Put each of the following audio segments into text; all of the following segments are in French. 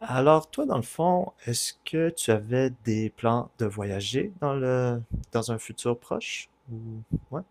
Alors, toi, dans le fond, est-ce que tu avais des plans de voyager dans un futur proche ou ouais?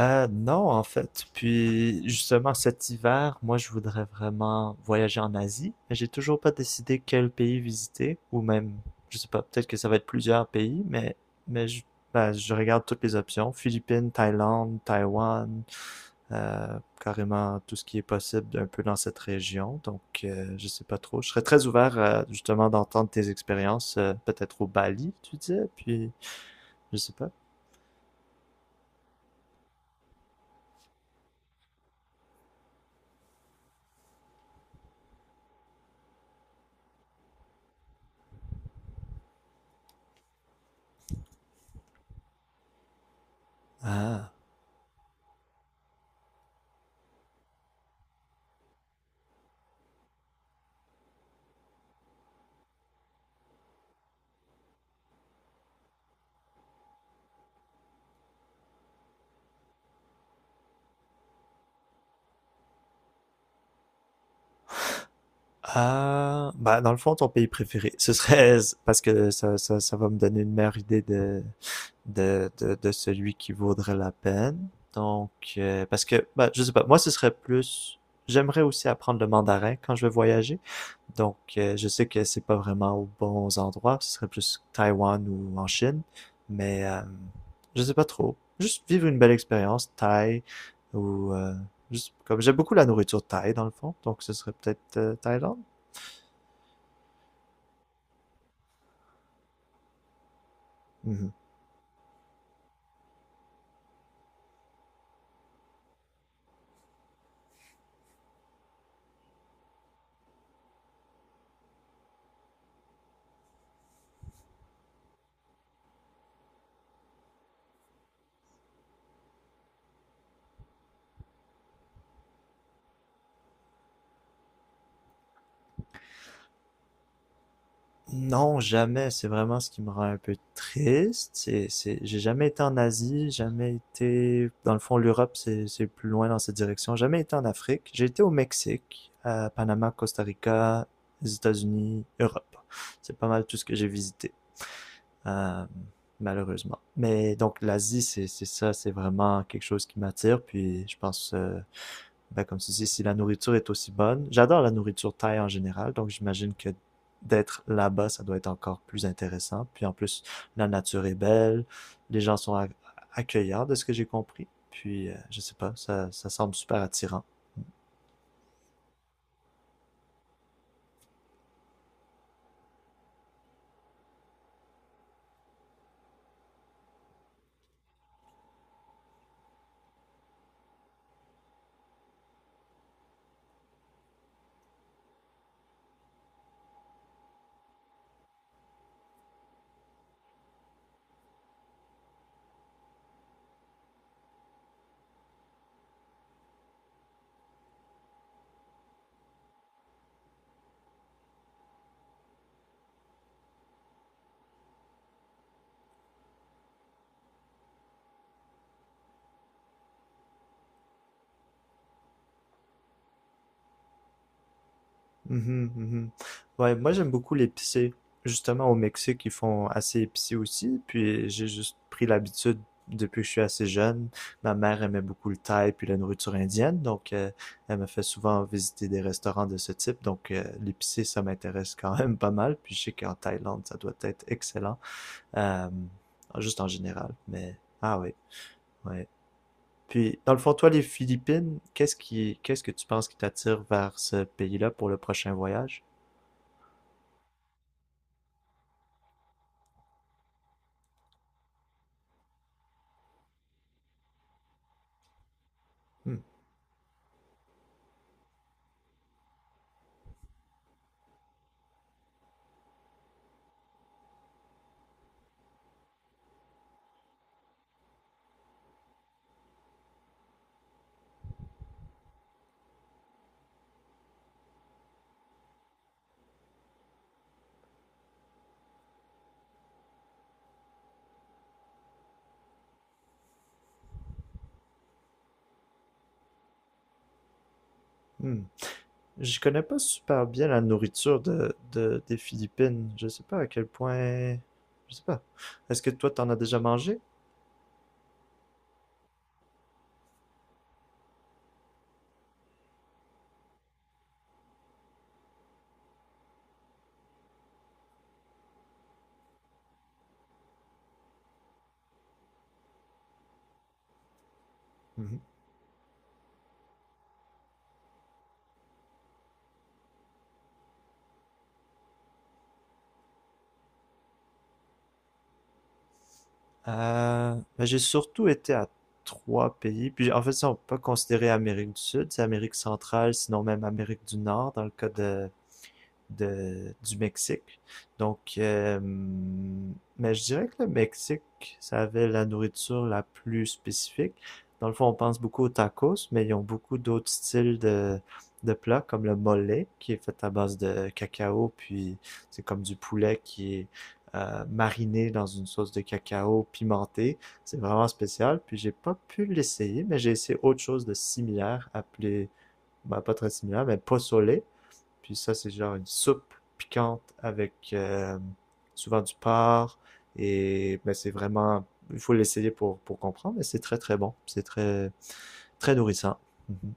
Non, en fait. Puis justement, cet hiver, moi, je voudrais vraiment voyager en Asie, mais j'ai toujours pas décidé quel pays visiter ou même, je sais pas, peut-être que ça va être plusieurs pays, mais je, ben, je regarde toutes les options, Philippines, Thaïlande, Taïwan, carrément tout ce qui est possible un peu dans cette région. Donc, je sais pas trop. Je serais très ouvert à, justement d'entendre tes expériences, peut-être au Bali, tu disais, puis je sais pas. Ah. Ah, bah dans le fond, ton pays préféré, ce serait parce que ça va me donner une meilleure idée de celui qui vaudrait la peine. Donc, parce que, bah, je sais pas, moi, ce serait plus, j'aimerais aussi apprendre le mandarin quand je vais voyager. Donc, je sais que c'est pas vraiment aux bons endroits, ce serait plus Taïwan ou en Chine, mais je sais pas trop. Juste vivre une belle expérience thaï ou juste comme j'aime beaucoup la nourriture thaï dans le fond, donc ce serait peut-être Thaïlande. Mhm. Non, jamais. C'est vraiment ce qui me rend un peu triste. J'ai jamais été en Asie, jamais été, dans le fond, l'Europe, c'est plus loin dans cette direction. Jamais été en Afrique. J'ai été au Mexique, à Panama, Costa Rica, les États-Unis, Europe. C'est pas mal tout ce que j'ai visité, euh, malheureusement. Mais donc l'Asie, c'est vraiment quelque chose qui m'attire. Puis je pense, ben, comme tu dis, si la nourriture est aussi bonne. J'adore la nourriture thaï en général, donc j'imagine que d'être là-bas, ça doit être encore plus intéressant. Puis en plus, la nature est belle, les gens sont accueillants, de ce que j'ai compris. Puis, je sais pas, ça semble super attirant. Mhm, mhm. Ouais, moi j'aime beaucoup l'épicé. Justement, au Mexique, ils font assez épicé aussi. Puis j'ai juste pris l'habitude depuis que je suis assez jeune. Ma mère aimait beaucoup le thaï puis la nourriture indienne. Donc elle me fait souvent visiter des restaurants de ce type. Donc l'épicé, ça m'intéresse quand même pas mal. Puis je sais qu'en Thaïlande, ça doit être excellent. Euh, juste en général. Mais ah oui, ouais. Puis dans le fond, toi, les Philippines, qu'est-ce que tu penses qui t'attire vers ce pays-là pour le prochain voyage? Hmm. Je connais pas super bien la nourriture des Philippines. Je sais pas à quel point. Je sais pas. Est-ce que toi, t'en as déjà mangé? Mhm. Ben, j'ai surtout été à 3 pays. Puis en fait, ça, on peut pas considérer Amérique du Sud, c'est Amérique centrale, sinon même Amérique du Nord, dans le cas de, du Mexique. Donc, mais je dirais que le Mexique, ça avait la nourriture la plus spécifique. Dans le fond, on pense beaucoup aux tacos, mais ils ont beaucoup d'autres styles de plats, comme le mole, qui est fait à base de cacao, puis c'est comme du poulet qui est mariné dans une sauce de cacao pimentée. C'est vraiment spécial, puis j'ai pas pu l'essayer, mais j'ai essayé autre chose de similaire, appelé, bah, pas très similaire, mais pozole, puis ça, c'est genre une soupe piquante avec souvent du porc. Et ben, c'est vraiment, il faut l'essayer pour comprendre, mais c'est très très bon. C'est très très nourrissant. Mhm.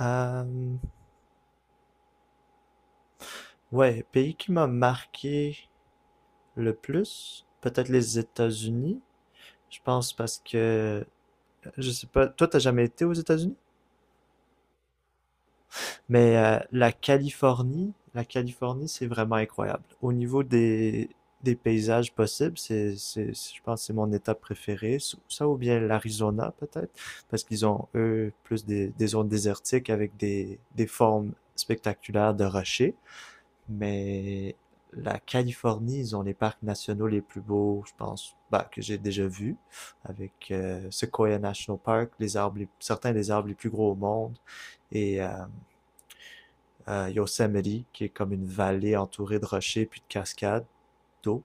Euh, ouais, pays qui m'a marqué le plus, peut-être les États-Unis. Je pense parce que, je sais pas, toi, t'as jamais été aux États-Unis? Mais la Californie, c'est vraiment incroyable. Au niveau des paysages possibles, je pense que c'est mon état préféré. Ça ou bien l'Arizona, peut-être, parce qu'ils ont, eux, plus des zones désertiques avec des formes spectaculaires de rochers. Mais la Californie, ils ont les parcs nationaux les plus beaux, je pense, bah, que j'ai déjà vus, avec Sequoia National Park, les arbres, certains des arbres les plus gros au monde. Et euh, Yosemite, qui est comme une vallée entourée de rochers puis de cascades d'eau.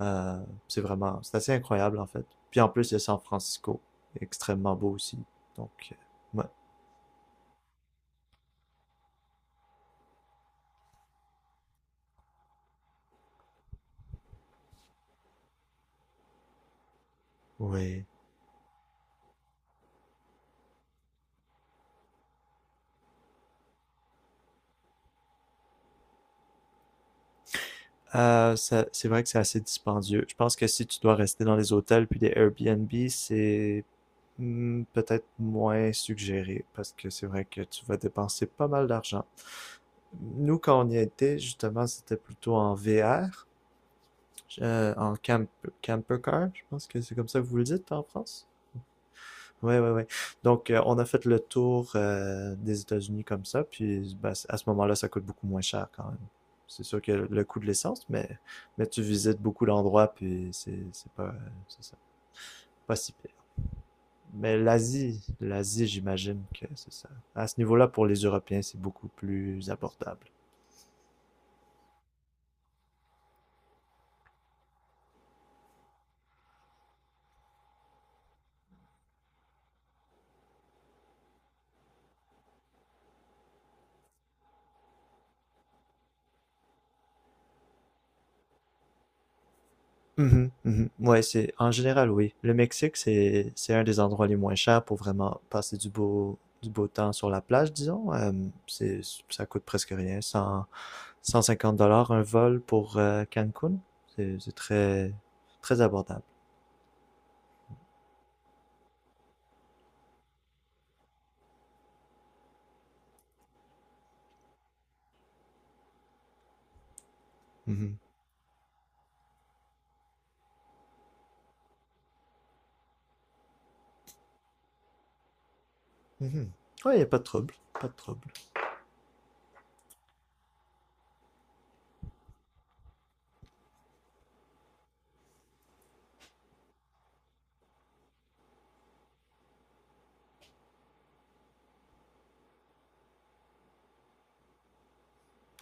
C'est vraiment, c'est assez incroyable en fait. Puis en plus, il y a San Francisco, extrêmement beau aussi. Donc, ouais. Oui. C'est vrai que c'est assez dispendieux. Je pense que si tu dois rester dans les hôtels puis des Airbnb, c'est hmm, peut-être moins suggéré parce que c'est vrai que tu vas dépenser pas mal d'argent. Nous, quand on y était, justement, c'était plutôt en VR. En camper car, je pense que c'est comme ça que vous le dites en France. Ouais, ouais, ouais. Donc, on a fait le tour des États-Unis comme ça, puis ben, à ce moment-là, ça coûte beaucoup moins cher quand même. C'est sûr que le coût de l'essence, mais tu visites beaucoup d'endroits, puis c'est pas, c'est ça, pas si pire. Mais l'Asie, j'imagine que c'est ça. À ce niveau-là, pour les Européens, c'est beaucoup plus abordable. Mhm, mhm. Ouais, c'est en général, oui. Le Mexique, c'est un des endroits les moins chers pour vraiment passer du beau temps sur la plage, disons. C'est ça coûte presque rien, 100 150 dollars un vol pour Cancun. C'est très très abordable. Mhm, mhm. Ouais, y a pas de trouble, pas de trouble.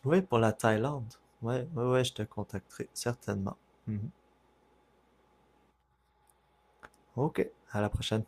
Oui, pour la Thaïlande. Ouais, ouais, ouais, je te contacterai certainement. Mhm. Ok, à la prochaine.